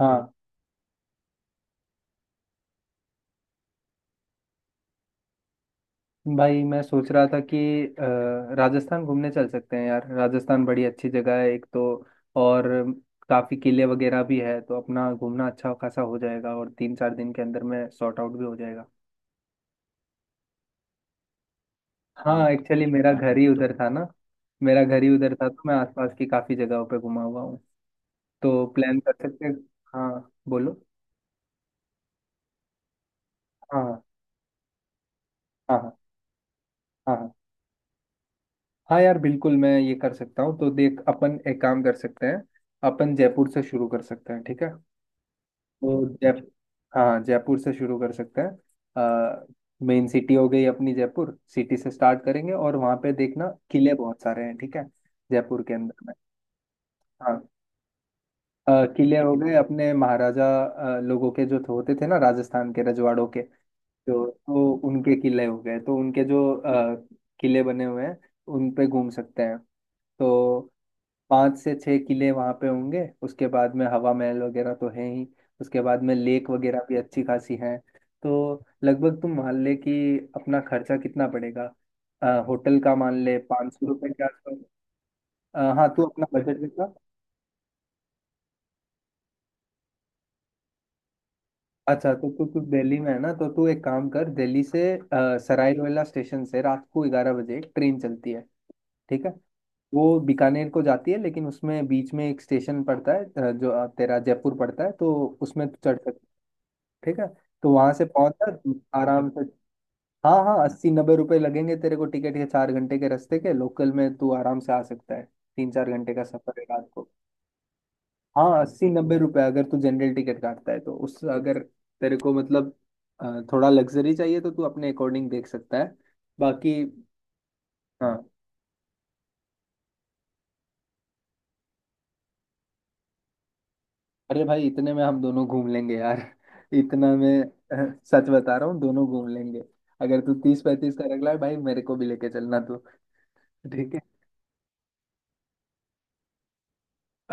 हाँ भाई मैं सोच रहा था कि राजस्थान घूमने चल सकते हैं यार। राजस्थान बड़ी अच्छी जगह है एक तो, और काफ़ी किले वगैरह भी है, तो अपना घूमना अच्छा खासा हो जाएगा और 3 4 दिन के अंदर में सॉर्ट आउट भी हो जाएगा। हाँ एक्चुअली मेरा घर ही उधर था ना, मेरा घर ही उधर था, तो मैं आसपास की काफ़ी जगहों पे घुमा हुआ हूँ, तो प्लान कर सकते हैं। हाँ बोलो। हाँ हाँ हाँ हाँ हाँ हाँ। हाँ यार बिल्कुल मैं ये कर सकता हूँ, तो देख अपन एक काम कर सकते हैं। अपन जयपुर से शुरू कर सकते हैं, ठीक है। तो जयपुर, हाँ जयपुर से शुरू कर सकते हैं। मेन सिटी हो गई अपनी, जयपुर सिटी से स्टार्ट करेंगे और वहाँ पे देखना किले बहुत सारे हैं, ठीक है, जयपुर के अंदर में। हाँ किले हो गए अपने महाराजा लोगों के जो होते थे ना, राजस्थान के रजवाड़ों के, तो उनके किले हो गए, तो उनके जो किले बने हुए हैं उन पे घूम सकते हैं। तो 5 से 6 किले वहाँ पे होंगे, उसके बाद में हवा महल वगैरह तो है ही, उसके बाद में लेक वगैरह भी अच्छी खासी है। तो लगभग तुम मान ले कि अपना खर्चा कितना पड़ेगा। होटल का मान ले 500 रुपये के आसपास। हाँ तू अपना बजट बता। अच्छा तो तू तू दिल्ली में है ना, तो तू एक काम कर, दिल्ली से सराय रोहिला स्टेशन से रात को 11 बजे एक ट्रेन चलती है, ठीक है। वो बीकानेर को जाती है, लेकिन उसमें बीच में एक स्टेशन पड़ता है जो तेरा जयपुर पड़ता है, तो उसमें तू चढ़ सकती है, ठीक है। तो वहां से पहुंचकर आराम से। हाँ हाँ, 80 90 रुपए लगेंगे तेरे को टिकट के, 4 घंटे के रास्ते के, लोकल में तू आराम से आ सकता है, 3 4 घंटे का सफर है रात को। हाँ अस्सी नब्बे रुपए अगर तू जनरल टिकट काटता है तो, उस अगर तेरे को मतलब थोड़ा लग्जरी चाहिए तो तू अपने अकॉर्डिंग देख सकता है बाकी। हाँ अरे भाई, इतने में हम दोनों घूम लेंगे यार इतना में। सच बता रहा हूँ दोनों घूम लेंगे। अगर तू 30 35 का रख रहा है भाई, मेरे को भी लेके चलना तू, ठीक।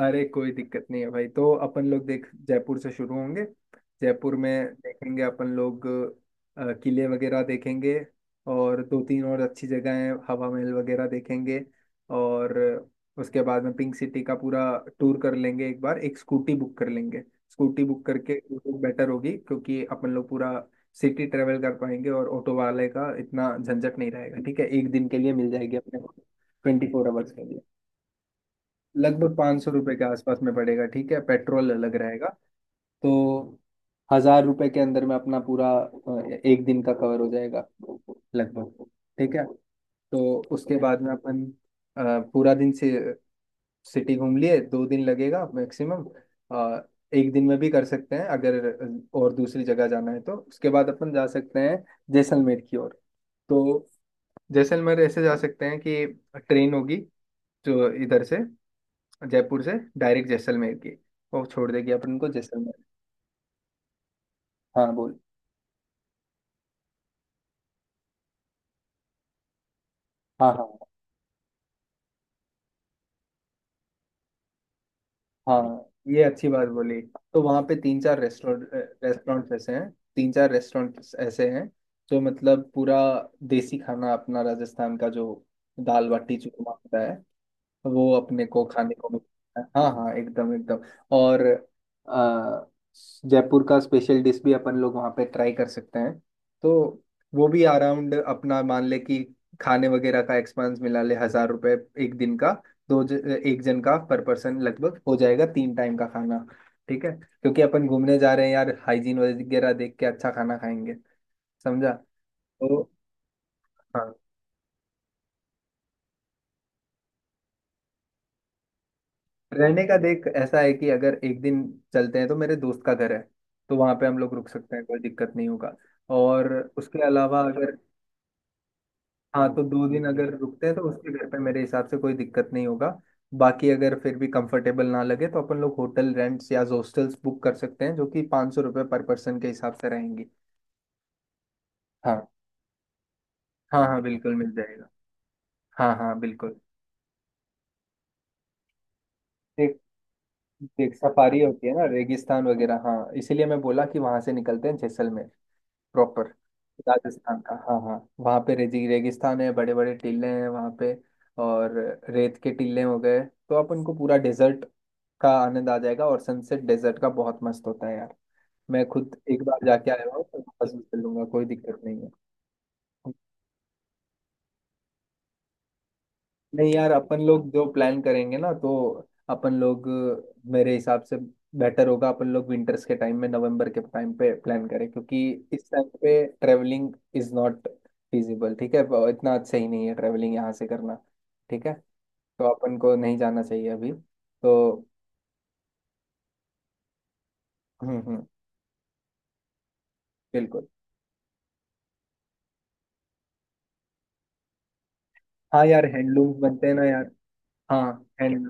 अरे कोई दिक्कत नहीं है भाई, तो अपन लोग देख जयपुर से शुरू होंगे, जयपुर में देखेंगे अपन लोग किले वगैरह देखेंगे, और दो तीन और अच्छी जगह हैं हवा महल वगैरह देखेंगे, और उसके बाद में पिंक सिटी का पूरा टूर कर लेंगे, एक बार एक स्कूटी बुक कर लेंगे। स्कूटी बुक करके वो बेटर होगी, क्योंकि अपन लोग पूरा सिटी ट्रेवल कर पाएंगे और ऑटो वाले का इतना झंझट नहीं रहेगा, ठीक है, एक दिन के लिए मिल जाएगी अपने को। 24 आवर्स के लिए लगभग 500 रुपये के आसपास में पड़ेगा, ठीक है, पेट्रोल अलग रहेगा। तो 1000 रुपये के अंदर में अपना पूरा एक दिन का कवर हो जाएगा लगभग, ठीक है। तो उसके बाद में अपन पूरा दिन से सिटी घूम लिए, 2 दिन लगेगा मैक्सिमम। अ, एक दिन में भी कर सकते हैं अगर, और दूसरी जगह जाना है तो उसके बाद अपन जा सकते हैं जैसलमेर की ओर। तो जैसलमेर ऐसे जा सकते हैं कि ट्रेन होगी जो इधर से, जयपुर से डायरेक्ट जैसलमेर की, वो छोड़ देगी अपन को जैसलमेर। हाँ बोल। हाँ हाँ हाँ, ये अच्छी बात बोली। तो वहाँ पे 3 4 रेस्टोरेंट, रेस्टोरेंट्स ऐसे हैं, 3 4 रेस्टोरेंट्स ऐसे हैं जो मतलब पूरा देसी खाना अपना, राजस्थान का जो दाल बाटी चूरमा होता है वो अपने को खाने को मिलता है। हाँ हाँ, एकदम एकदम। और अ, जयपुर का स्पेशल डिश भी अपन लोग वहाँ पे ट्राई कर सकते हैं। तो वो भी अराउंड, अपना मान ले कि खाने वगैरह का एक्सपेंस मिला ले 1000 रुपए एक दिन का, दो ज, एक जन का पर पर्सन लगभग हो जाएगा, 3 टाइम का खाना, ठीक है, क्योंकि अपन घूमने जा रहे हैं यार, हाइजीन वगैरह देख के अच्छा खाना खाएंगे, समझा। तो हाँ, रहने का देख ऐसा है कि अगर एक दिन चलते हैं तो मेरे दोस्त का घर है, तो वहां पे हम लोग रुक सकते हैं, कोई दिक्कत नहीं होगा। और उसके अलावा अगर, हाँ तो दो दिन अगर रुकते हैं तो उसके घर पे मेरे हिसाब से कोई दिक्कत नहीं होगा। बाकी अगर फिर भी कंफर्टेबल ना लगे तो अपन लोग होटल रेंट्स या हॉस्टल्स बुक कर सकते हैं, जो कि 500 रुपये पर पर्सन के हिसाब से रहेंगी। हाँ हाँ हाँ, बिल्कुल मिल जाएगा। हाँ हाँ बिल्कुल। देख, देख सफारी होती है ना रेगिस्तान वगैरह, हाँ इसीलिए मैं बोला कि वहां से निकलते हैं जैसलमेर प्रॉपर राजस्थान का। हाँ हाँ, वहाँ पे रेगी रेगिस्तान है, बड़े बड़े टीले हैं वहाँ पे, और रेत के टीले हो गए। तो आप उनको पूरा डेजर्ट का आनंद आ जाएगा, और सनसेट डेजर्ट का बहुत मस्त होता है यार, मैं खुद एक बार जाके आया हूँ, तो वापस भी चलूंगा, कोई दिक्कत नहीं है। नहीं यार, अपन लोग जो प्लान करेंगे ना, तो अपन लोग मेरे हिसाब से बेटर होगा अपन लोग विंटर्स के टाइम में, नवंबर के टाइम पे प्लान करें, क्योंकि इस टाइम पे ट्रेवलिंग इज नॉट फिजिबल, ठीक है, वो इतना अच्छा ही नहीं है ट्रेवलिंग यहाँ से करना, ठीक है। तो अपन को नहीं जाना चाहिए अभी तो। हम्म। बिल्कुल। हाँ यार हैंडलूम बनते हैं ना यार। हाँ हैंड,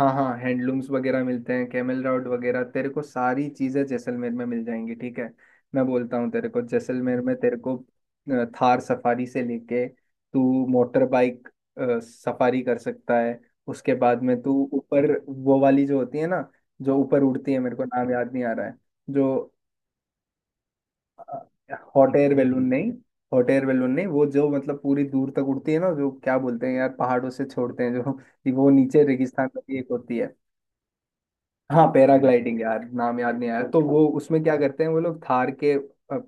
हाँ हाँ, हैंडलूम्स वगैरह मिलते हैं, कैमल राउड वगैरह, तेरे को सारी चीज़ें जैसलमेर में मिल जाएंगी, ठीक है। मैं बोलता हूँ तेरे को जैसलमेर में तेरे को थार सफारी से लेके तू मोटर बाइक सफारी कर सकता है। उसके बाद में तू ऊपर वो वाली जो होती है ना, जो ऊपर उड़ती है, मेरे को नाम याद नहीं आ रहा है, जो हॉट एयर बैलून नहीं, हॉट एयर बैलून नहीं, वो जो मतलब पूरी दूर तक उड़ती है ना, जो क्या बोलते हैं यार, पहाड़ों से छोड़ते हैं जो वो नीचे रेगिस्तान में भी एक होती है। हाँ पैराग्लाइडिंग यार, नाम याद नहीं आया, तो वो उसमें क्या करते हैं वो लोग, थार के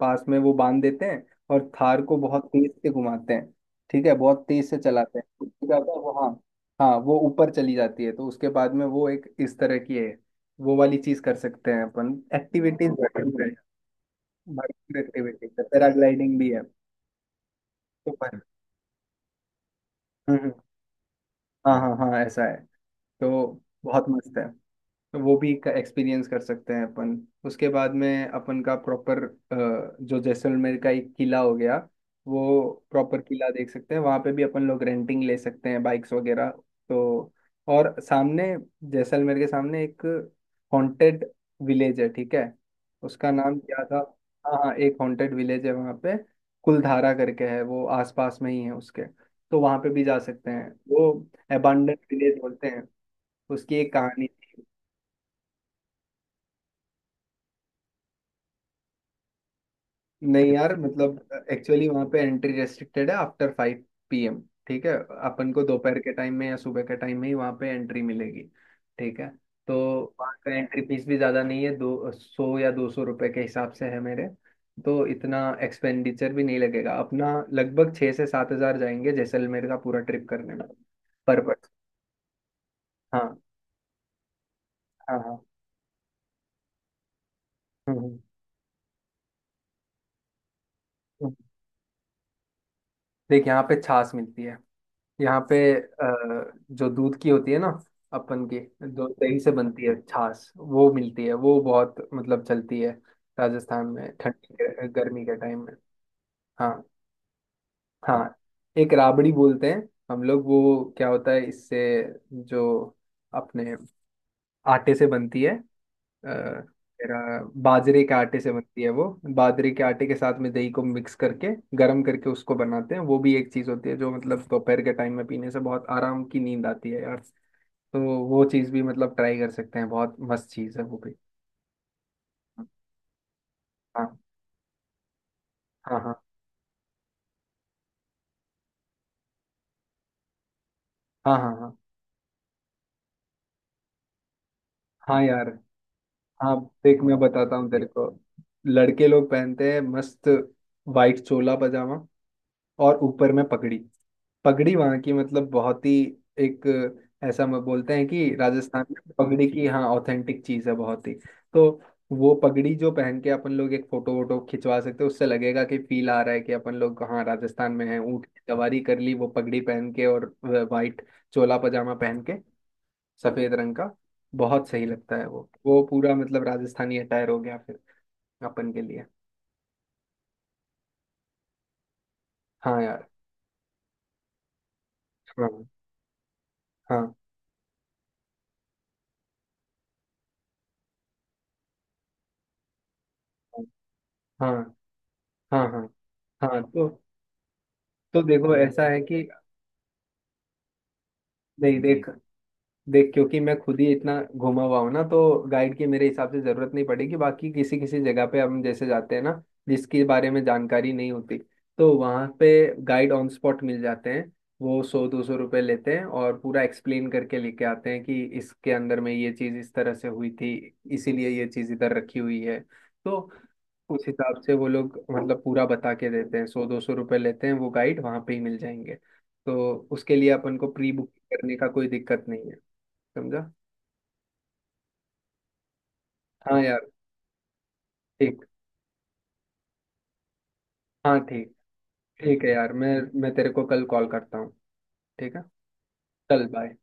पास में वो बांध देते हैं और थार को बहुत तेज से घुमाते हैं, ठीक है, बहुत तेज से चलाते हैं, उससे क्या होता है वो, हाँ हाँ, वो ऊपर चली जाती है। तो उसके बाद में वो एक इस तरह की है, वो वाली चीज कर सकते हैं अपन, एक्टिविटीज भरपूर है, भरपूर एक्टिविटीज है, पैराग्लाइडिंग भी है। तो पर हम्म, हम्म, हाँ हाँ हाँ ऐसा है। तो बहुत मस्त है, तो वो भी एक्सपीरियंस कर सकते हैं अपन। उसके बाद में अपन का प्रॉपर, जो जैसलमेर का एक किला हो गया वो प्रॉपर किला देख सकते हैं, वहाँ पे भी अपन लोग रेंटिंग ले सकते हैं बाइक्स वगैरह। तो और सामने, जैसलमेर के सामने एक हॉन्टेड विलेज है, ठीक है, उसका नाम क्या था। हाँ हाँ, एक हॉन्टेड विलेज है वहाँ पे, कुलधारा करके है, वो आसपास में ही है उसके, तो वहाँ पे भी जा सकते हैं। वो एबंडेंट विलेज बोलते हैं, उसकी एक कहानी थी। नहीं यार मतलब एक्चुअली वहाँ पे एंट्री रेस्ट्रिक्टेड है आफ्टर 5 PM, ठीक है। अपन को दोपहर के टाइम में या सुबह के टाइम में ही वहाँ पे एंट्री मिलेगी, ठीक है। तो वहाँ का एंट्री फीस भी ज़्यादा नहीं है, 200 या 200 रुपये के हिसाब से है मेरे, तो इतना एक्सपेंडिचर भी नहीं लगेगा अपना, लगभग 6 से 7 हज़ार जाएंगे जैसलमेर का पूरा ट्रिप करने में, पर पर्सन। हाँ हाँ हाँ। हम्म, हम्म। हम्म। देख यहाँ पे छाछ मिलती है, यहाँ पे जो दूध की होती है ना अपन की, जो दही से बनती है छाछ, वो मिलती है, वो बहुत मतलब चलती है राजस्थान में गर्मी के टाइम में। हाँ हाँ, एक राबड़ी बोलते हैं हम लोग, वो क्या होता है इससे, जो अपने आटे से बनती है, अ, मेरा बाजरे के आटे से बनती है वो, बाजरे के आटे के साथ में दही को मिक्स करके गर्म करके उसको बनाते हैं, वो भी एक चीज होती है जो मतलब दोपहर के टाइम में पीने से बहुत आराम की नींद आती है यार। तो वो चीज़ भी मतलब ट्राई कर सकते हैं, बहुत मस्त चीज़ है वो भी। हाँ हाँ हाँ हाँ हाँ हाँ। हाँ यार, हाँ, देख मैं बताता हूँ तेरे को, लड़के लोग पहनते हैं मस्त वाइट चोला पजामा और ऊपर में पगड़ी। पगड़ी वहाँ की मतलब बहुत ही एक, ऐसा हम बोलते हैं कि राजस्थान में पगड़ी की, हाँ ऑथेंटिक चीज़ है बहुत ही। तो वो पगड़ी जो पहन के अपन लोग एक फोटो वोटो खिंचवा सकते हैं, उससे लगेगा कि फील आ रहा है कि अपन लोग हाँ राजस्थान में हैं, ऊँट की सवारी कर ली वो पगड़ी पहन के और वाइट चोला पजामा पहन के सफेद रंग का, बहुत सही लगता है। वो पूरा मतलब राजस्थानी अटायर हो गया फिर अपन के लिए। हाँ यार। हाँ हाँ हाँ हाँ हाँ हाँ हाँ, तो देखो ऐसा है कि, नहीं देख, देख क्योंकि मैं खुद ही इतना घुमा हुआ हूँ ना, तो गाइड की मेरे हिसाब से जरूरत नहीं पड़ेगी, बाकी किसी किसी जगह पे हम जैसे जाते हैं ना, जिसके बारे में जानकारी नहीं होती, तो वहाँ पे गाइड ऑन स्पॉट मिल जाते हैं। वो 100 200 रुपये लेते हैं और पूरा एक्सप्लेन करके लेके आते हैं कि इसके अंदर में ये चीज़ इस तरह से हुई थी, इसीलिए ये चीज़ इधर रखी हुई है, तो उस हिसाब से वो लोग मतलब पूरा बता के देते हैं, 100 200 रुपये लेते हैं वो गाइड, वहाँ पे ही मिल जाएंगे, तो उसके लिए अपन को प्री बुकिंग करने का कोई दिक्कत नहीं है, समझा। हाँ यार, ठीक, हाँ ठीक, ठीक है यार, मैं तेरे को कल कॉल करता हूँ, ठीक है, चल बाय।